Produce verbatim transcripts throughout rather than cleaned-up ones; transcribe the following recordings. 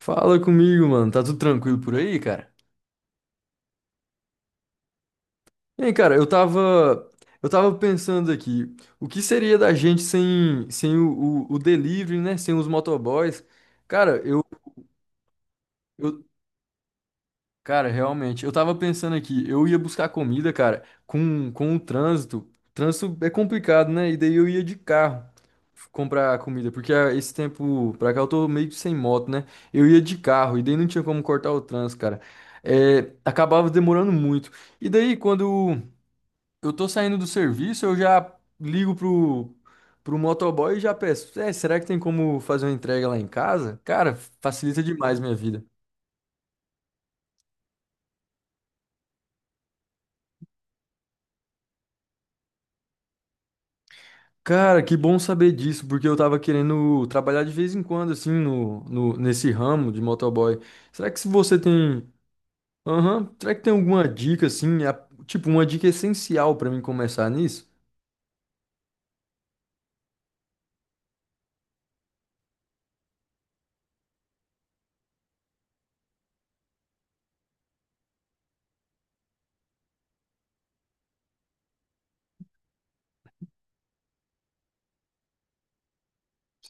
Fala comigo, mano. Tá tudo tranquilo por aí, cara? Ei, cara, eu tava, eu tava pensando aqui, o que seria da gente sem, sem o, o, o delivery, né? Sem os motoboys? Cara, eu, eu, Cara, realmente, eu tava pensando aqui, eu ia buscar comida, cara, com, com o trânsito. Trânsito é complicado, né? E daí eu ia de carro comprar comida, porque ah, esse tempo pra cá eu tô meio que sem moto, né? Eu ia de carro, e daí não tinha como cortar o trânsito, cara. É, acabava demorando muito. E daí, quando eu tô saindo do serviço, eu já ligo pro, pro motoboy e já peço: é, será que tem como fazer uma entrega lá em casa? Cara, facilita demais minha vida. Cara, que bom saber disso, porque eu tava querendo trabalhar de vez em quando, assim, no, no, nesse ramo de motoboy. Será que se você tem. Aham, será que tem alguma dica, assim, a- tipo, uma dica essencial pra mim começar nisso?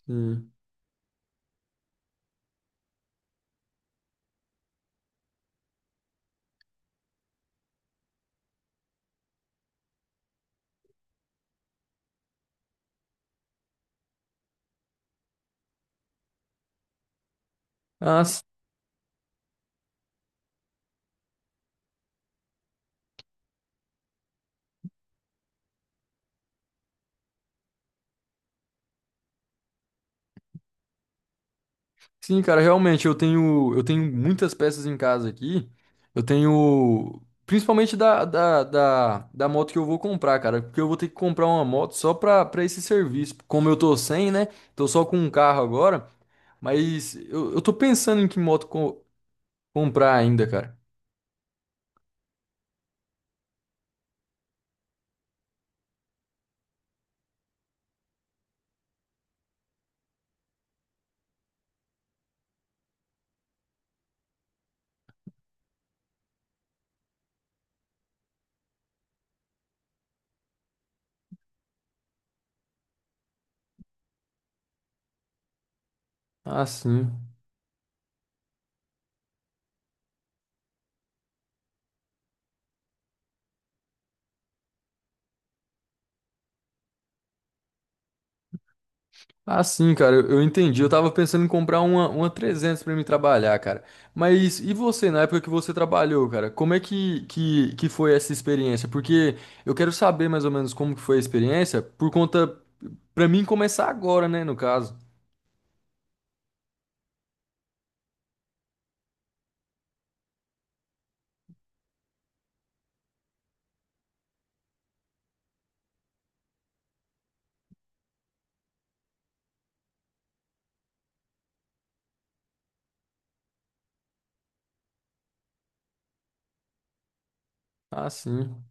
Sim. Ah, sim, cara, realmente eu tenho eu tenho muitas peças em casa aqui. Eu tenho principalmente da, da, da, da moto que eu vou comprar, cara, porque eu vou ter que comprar uma moto só pra, pra esse serviço. Como eu tô sem, né? Tô só com um carro agora, mas eu, eu tô pensando em que moto co- comprar ainda, cara. Ah, sim. Ah, sim, cara, eu eu entendi. Eu tava pensando em comprar uma, uma trezentos pra mim trabalhar, cara. Mas e você, na época que você trabalhou, cara? Como é que, que, que foi essa experiência? Porque eu quero saber mais ou menos como que foi a experiência, por conta, pra mim começar agora, né, no caso. Ah, sim.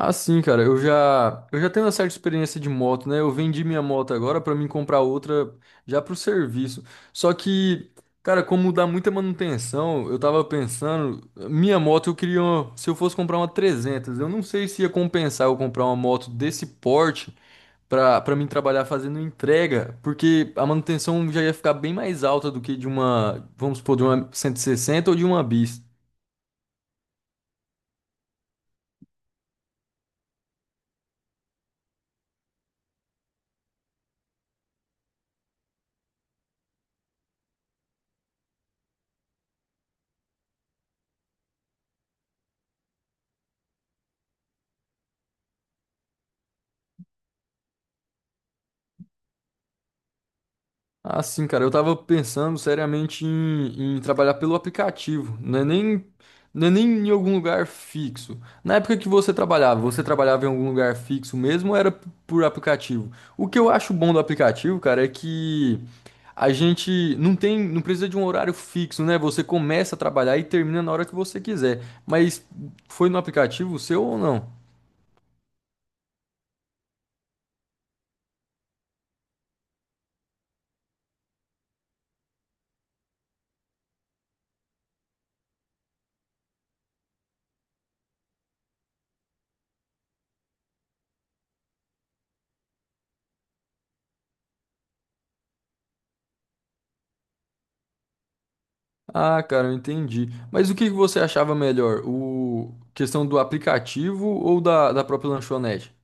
Ah, sim, cara, eu já, eu já tenho uma certa experiência de moto, né? Eu vendi minha moto agora pra mim comprar outra já pro serviço. Só que, cara, como dá muita manutenção, eu tava pensando, minha moto eu queria, uma- se eu fosse comprar uma trezentas, eu não sei se ia compensar eu comprar uma moto desse porte pra, pra mim trabalhar fazendo entrega, porque a manutenção já ia ficar bem mais alta do que de uma, vamos supor, de uma cento e sessenta ou de uma bis. Ah, sim, cara, eu tava pensando seriamente em, em trabalhar pelo aplicativo, não é nem, não é nem em algum lugar fixo. Na época que você trabalhava, você trabalhava em algum lugar fixo mesmo ou era p- por aplicativo? O que eu acho bom do aplicativo, cara, é que a gente não tem, não precisa de um horário fixo, né? Você começa a trabalhar e termina na hora que você quiser. Mas foi no aplicativo seu ou não? Ah, cara, eu entendi. Mas o que que você achava melhor? O questão do aplicativo ou da, da própria lanchonete?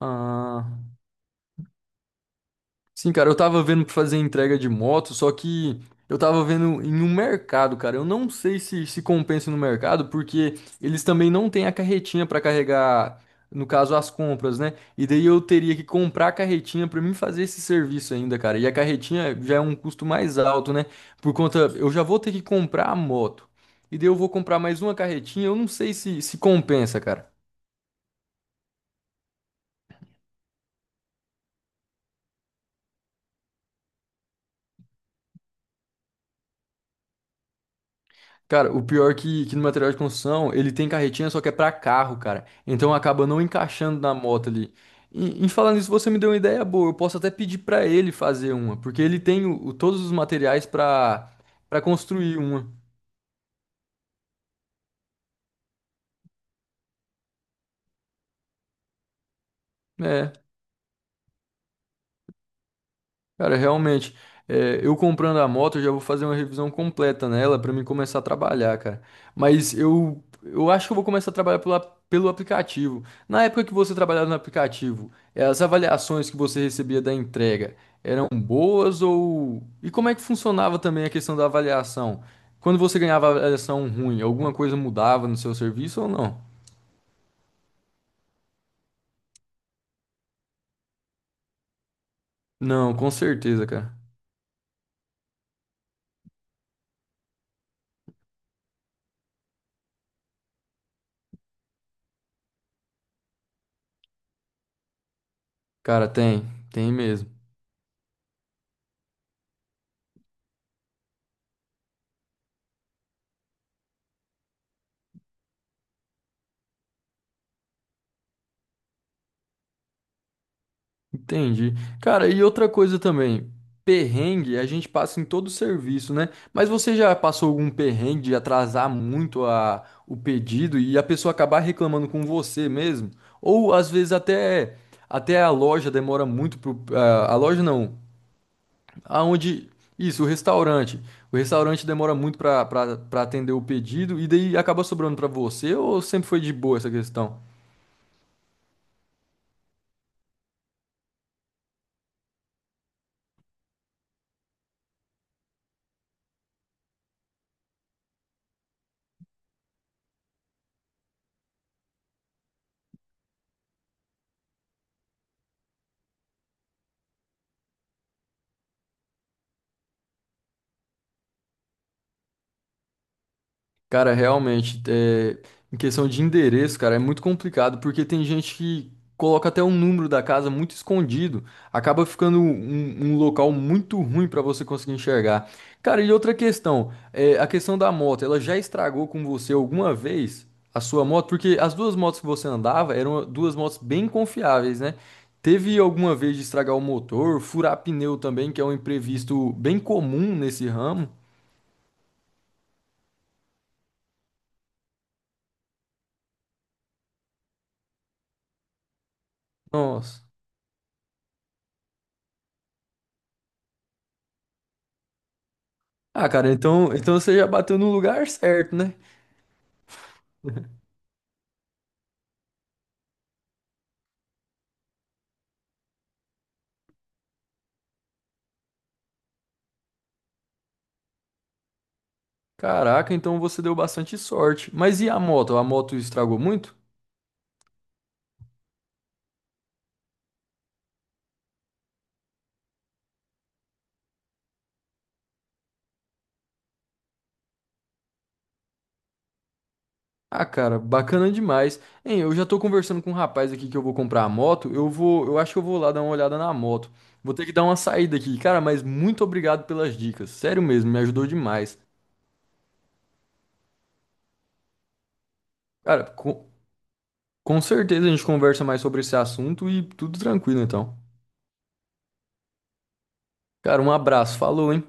Ah. Sim, cara, eu tava vendo pra fazer entrega de moto, só que eu tava vendo em um mercado, cara. Eu não sei se se compensa no mercado, porque eles também não têm a carretinha pra carregar, no caso, as compras, né? E daí eu teria que comprar a carretinha pra mim fazer esse serviço ainda, cara. E a carretinha já é um custo mais alto, né? Por conta, eu já vou ter que comprar a moto. E daí eu vou comprar mais uma carretinha, eu não sei se se compensa, cara. Cara, o pior que, que, no material de construção, ele tem carretinha, só que é pra carro, cara. Então acaba não encaixando na moto ali. E, e falando isso, você me deu uma ideia boa. Eu posso até pedir pra ele fazer uma, porque ele tem o, o- todos os materiais pra para construir uma. É. Cara, realmente, é, eu comprando a moto, eu já vou fazer uma revisão completa nela pra mim começar a trabalhar, cara. Mas eu, eu acho que eu vou começar a trabalhar pelo, ap- pelo aplicativo. Na época que você trabalhava no aplicativo, é, as avaliações que você recebia da entrega eram boas ou? E como é que funcionava também a questão da avaliação? Quando você ganhava avaliação ruim, alguma coisa mudava no seu serviço ou não? Não, com certeza, cara. Cara, tem, tem mesmo. Entendi. Cara, e outra coisa também, perrengue a gente passa em todo o serviço, né? Mas você já passou algum perrengue de atrasar muito a, o pedido e a pessoa acabar reclamando com você mesmo? Ou às vezes até, até, a loja demora muito pro, ah, a loja não, aonde, isso, o restaurante. O restaurante demora muito para para atender o pedido e daí acaba sobrando para você ou sempre foi de boa essa questão? Cara, realmente, é, em questão de endereço, cara, é muito complicado, porque tem gente que coloca até o número da casa muito escondido, acaba ficando um, um local muito ruim pra você conseguir enxergar. Cara, e outra questão, é, a questão da moto, ela já estragou com você alguma vez a sua moto? Porque as duas motos que você andava eram duas motos bem confiáveis, né? Teve alguma vez de estragar o motor, furar pneu também, que é um imprevisto bem comum nesse ramo? Nossa. Ah, cara, então, então, você já bateu no lugar certo, né? Caraca, então você deu bastante sorte. Mas e a moto? A moto estragou muito? Ah, cara, bacana demais. Hein, eu já tô conversando com um rapaz aqui que eu vou comprar a moto. Eu vou, eu acho que eu vou lá dar uma olhada na moto. Vou ter que dar uma saída aqui. Cara, mas muito obrigado pelas dicas. Sério mesmo, me ajudou demais. Cara, com, com certeza a gente conversa mais sobre esse assunto e tudo tranquilo, então. Cara, um abraço. Falou, hein?